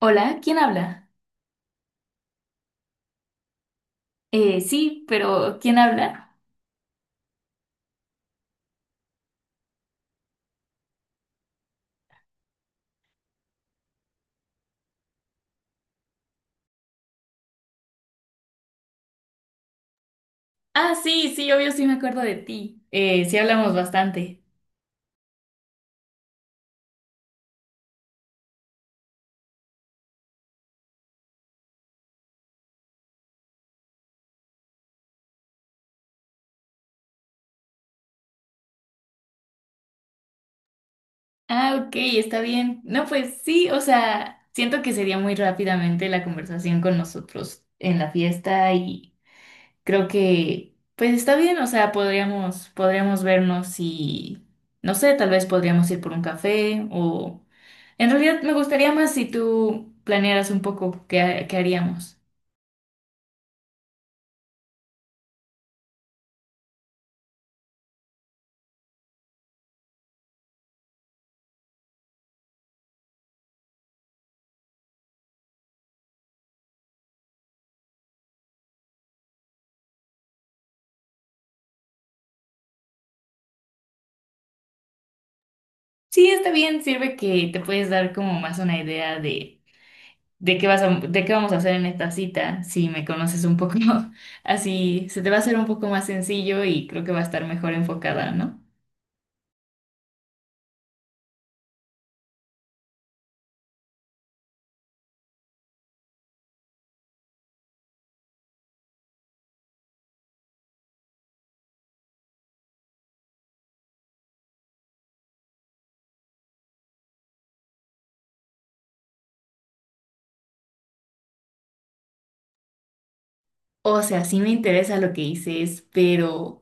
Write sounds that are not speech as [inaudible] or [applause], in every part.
Hola, ¿quién habla? Sí, pero ¿quién habla? Ah, sí, sí, obvio, sí me acuerdo de ti. Sí hablamos bastante. Ah, ok, está bien. No, pues sí, o sea, siento que sería muy rápidamente la conversación con nosotros en la fiesta y creo que, pues está bien, o sea, podríamos vernos y, no sé, tal vez podríamos ir por un café o... En realidad me gustaría más si tú planearas un poco qué, qué haríamos. Sí, está bien, sirve que te puedes dar como más una idea de qué vas a, de qué vamos a hacer en esta cita, si me conoces un poco, [laughs] así se te va a hacer un poco más sencillo y creo que va a estar mejor enfocada, ¿no? O sea, sí me interesa lo que dices, pero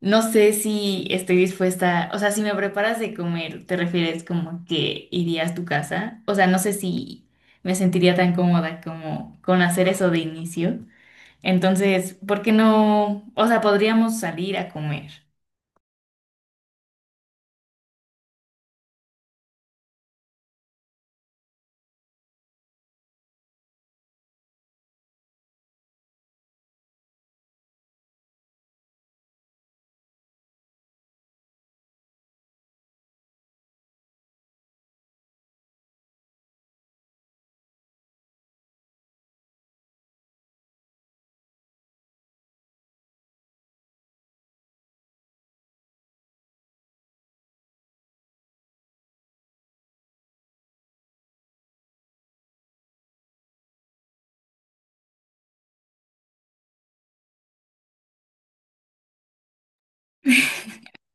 no sé si estoy dispuesta, o sea, si me preparas de comer, ¿te refieres como que irías a tu casa? O sea, no sé si me sentiría tan cómoda como con hacer eso de inicio. Entonces, ¿por qué no? O sea, podríamos salir a comer.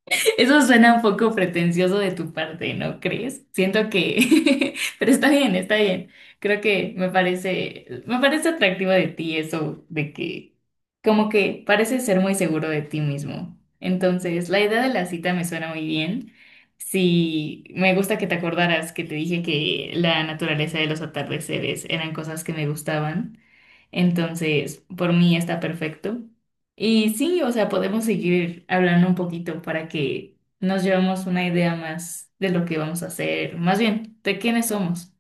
[laughs] Eso suena un poco pretencioso de tu parte, ¿no crees? Siento que, [laughs] pero está bien, está bien. Creo que me parece atractivo de ti eso de que, como que pareces ser muy seguro de ti mismo. Entonces, la idea de la cita me suena muy bien. Sí, me gusta que te acordaras que te dije que la naturaleza de los atardeceres eran cosas que me gustaban. Entonces, por mí está perfecto. Y sí, o sea, podemos seguir hablando un poquito para que nos llevemos una idea más de lo que vamos a hacer, más bien, de quiénes somos.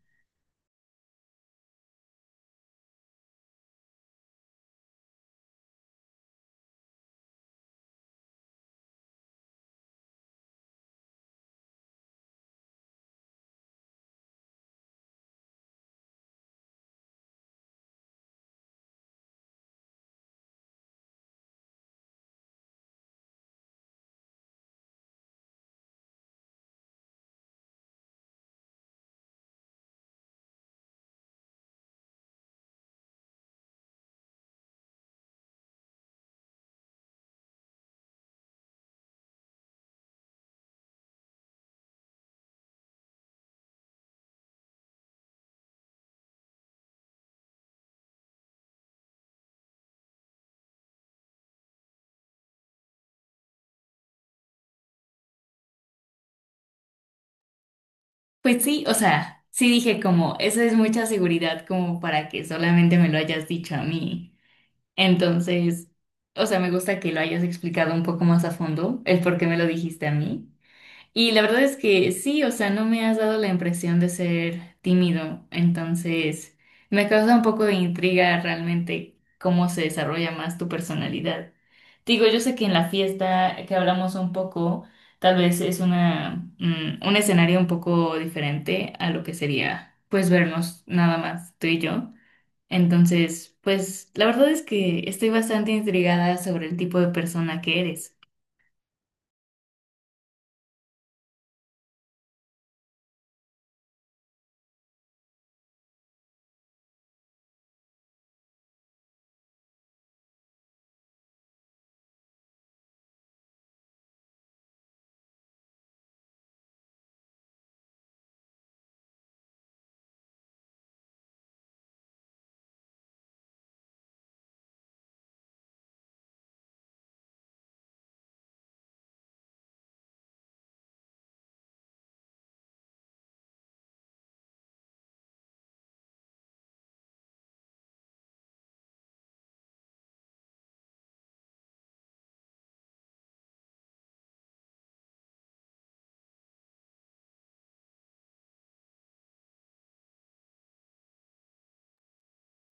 Pues sí, o sea, sí dije como, esa es mucha seguridad como para que solamente me lo hayas dicho a mí. Entonces, o sea, me gusta que lo hayas explicado un poco más a fondo, el por qué me lo dijiste a mí. Y la verdad es que sí, o sea, no me has dado la impresión de ser tímido, entonces me causa un poco de intriga realmente cómo se desarrolla más tu personalidad. Digo, yo sé que en la fiesta que hablamos un poco, tal vez es una, un escenario un poco diferente a lo que sería, pues, vernos nada más tú y yo. Entonces, pues, la verdad es que estoy bastante intrigada sobre el tipo de persona que eres.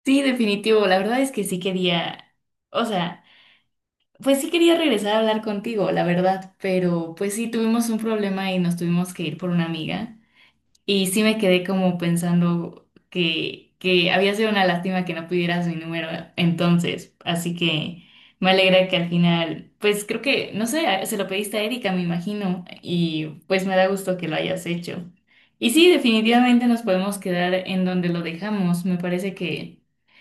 Sí, definitivo. La verdad es que sí quería, o sea, pues sí quería regresar a hablar contigo, la verdad, pero pues sí tuvimos un problema y nos tuvimos que ir por una amiga. Y sí me quedé como pensando que había sido una lástima que no pudieras mi número entonces. Así que me alegra que al final, pues creo que, no sé, se lo pediste a Erika, me imagino. Y pues me da gusto que lo hayas hecho. Y sí, definitivamente nos podemos quedar en donde lo dejamos. Me parece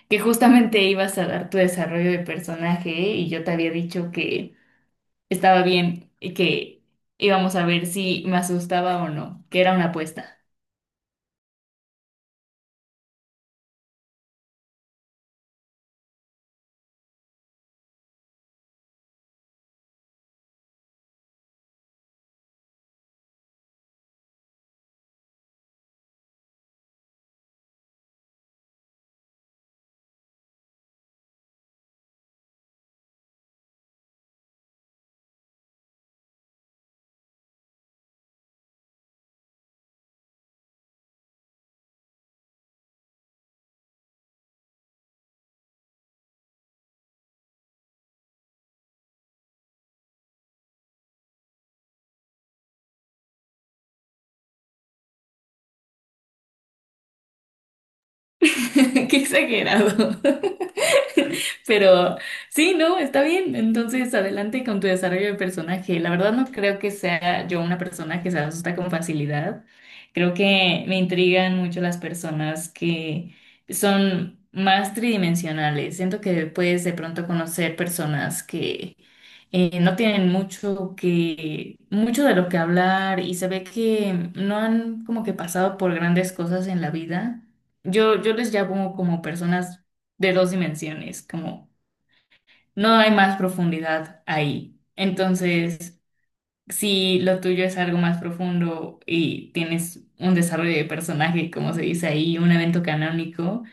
que justamente ibas a dar tu desarrollo de personaje ¿eh? Y yo te había dicho que estaba bien y que íbamos a ver si me asustaba o no, que era una apuesta. [laughs] Qué exagerado. [laughs] Pero sí, no, está bien. Entonces, adelante con tu desarrollo de personaje. La verdad no creo que sea yo una persona que se asusta con facilidad. Creo que me intrigan mucho las personas que son más tridimensionales. Siento que puedes de pronto conocer personas que no tienen mucho que, mucho de lo que hablar y se ve que no han como que pasado por grandes cosas en la vida yo, yo les llamo como personas de dos dimensiones, como no hay más profundidad ahí. Entonces, si lo tuyo es algo más profundo y tienes un desarrollo de personaje, como se dice ahí, un evento canónico,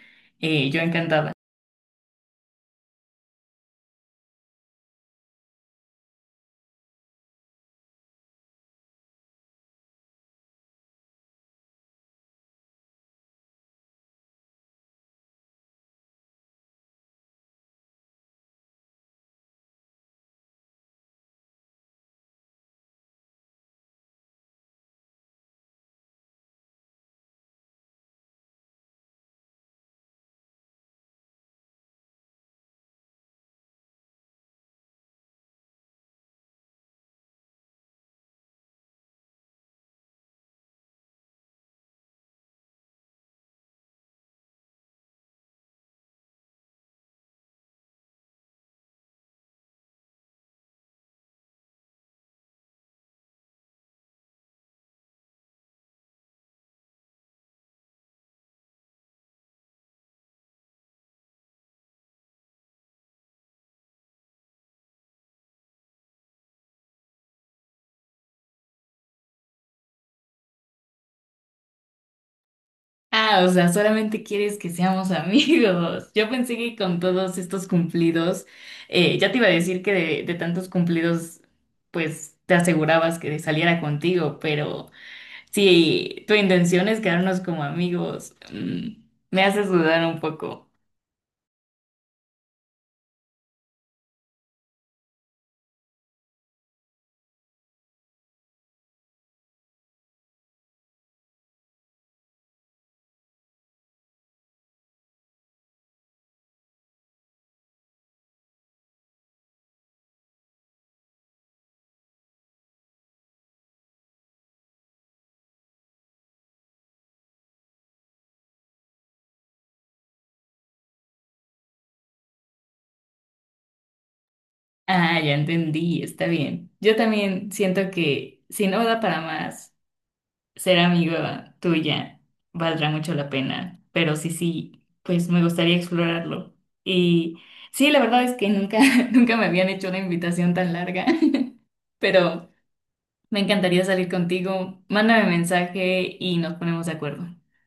yo encantada. Ah, o sea, solamente quieres que seamos [laughs] amigos. Yo pensé que con todos estos cumplidos, ya te iba a decir que de tantos cumplidos, pues te asegurabas que saliera contigo, pero... Si tu intención es quedarnos como amigos, me haces dudar un poco. Ah, ya entendí, está bien. Yo también siento que si no da para más, ser amiga tuya valdrá mucho la pena. Pero sí, sí, pues me gustaría explorarlo. Y sí, la verdad es que nunca, [laughs] nunca me habían hecho una invitación tan larga. [laughs] Pero me encantaría salir contigo. Mándame mensaje y nos ponemos de acuerdo. [laughs]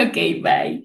Ok, bye.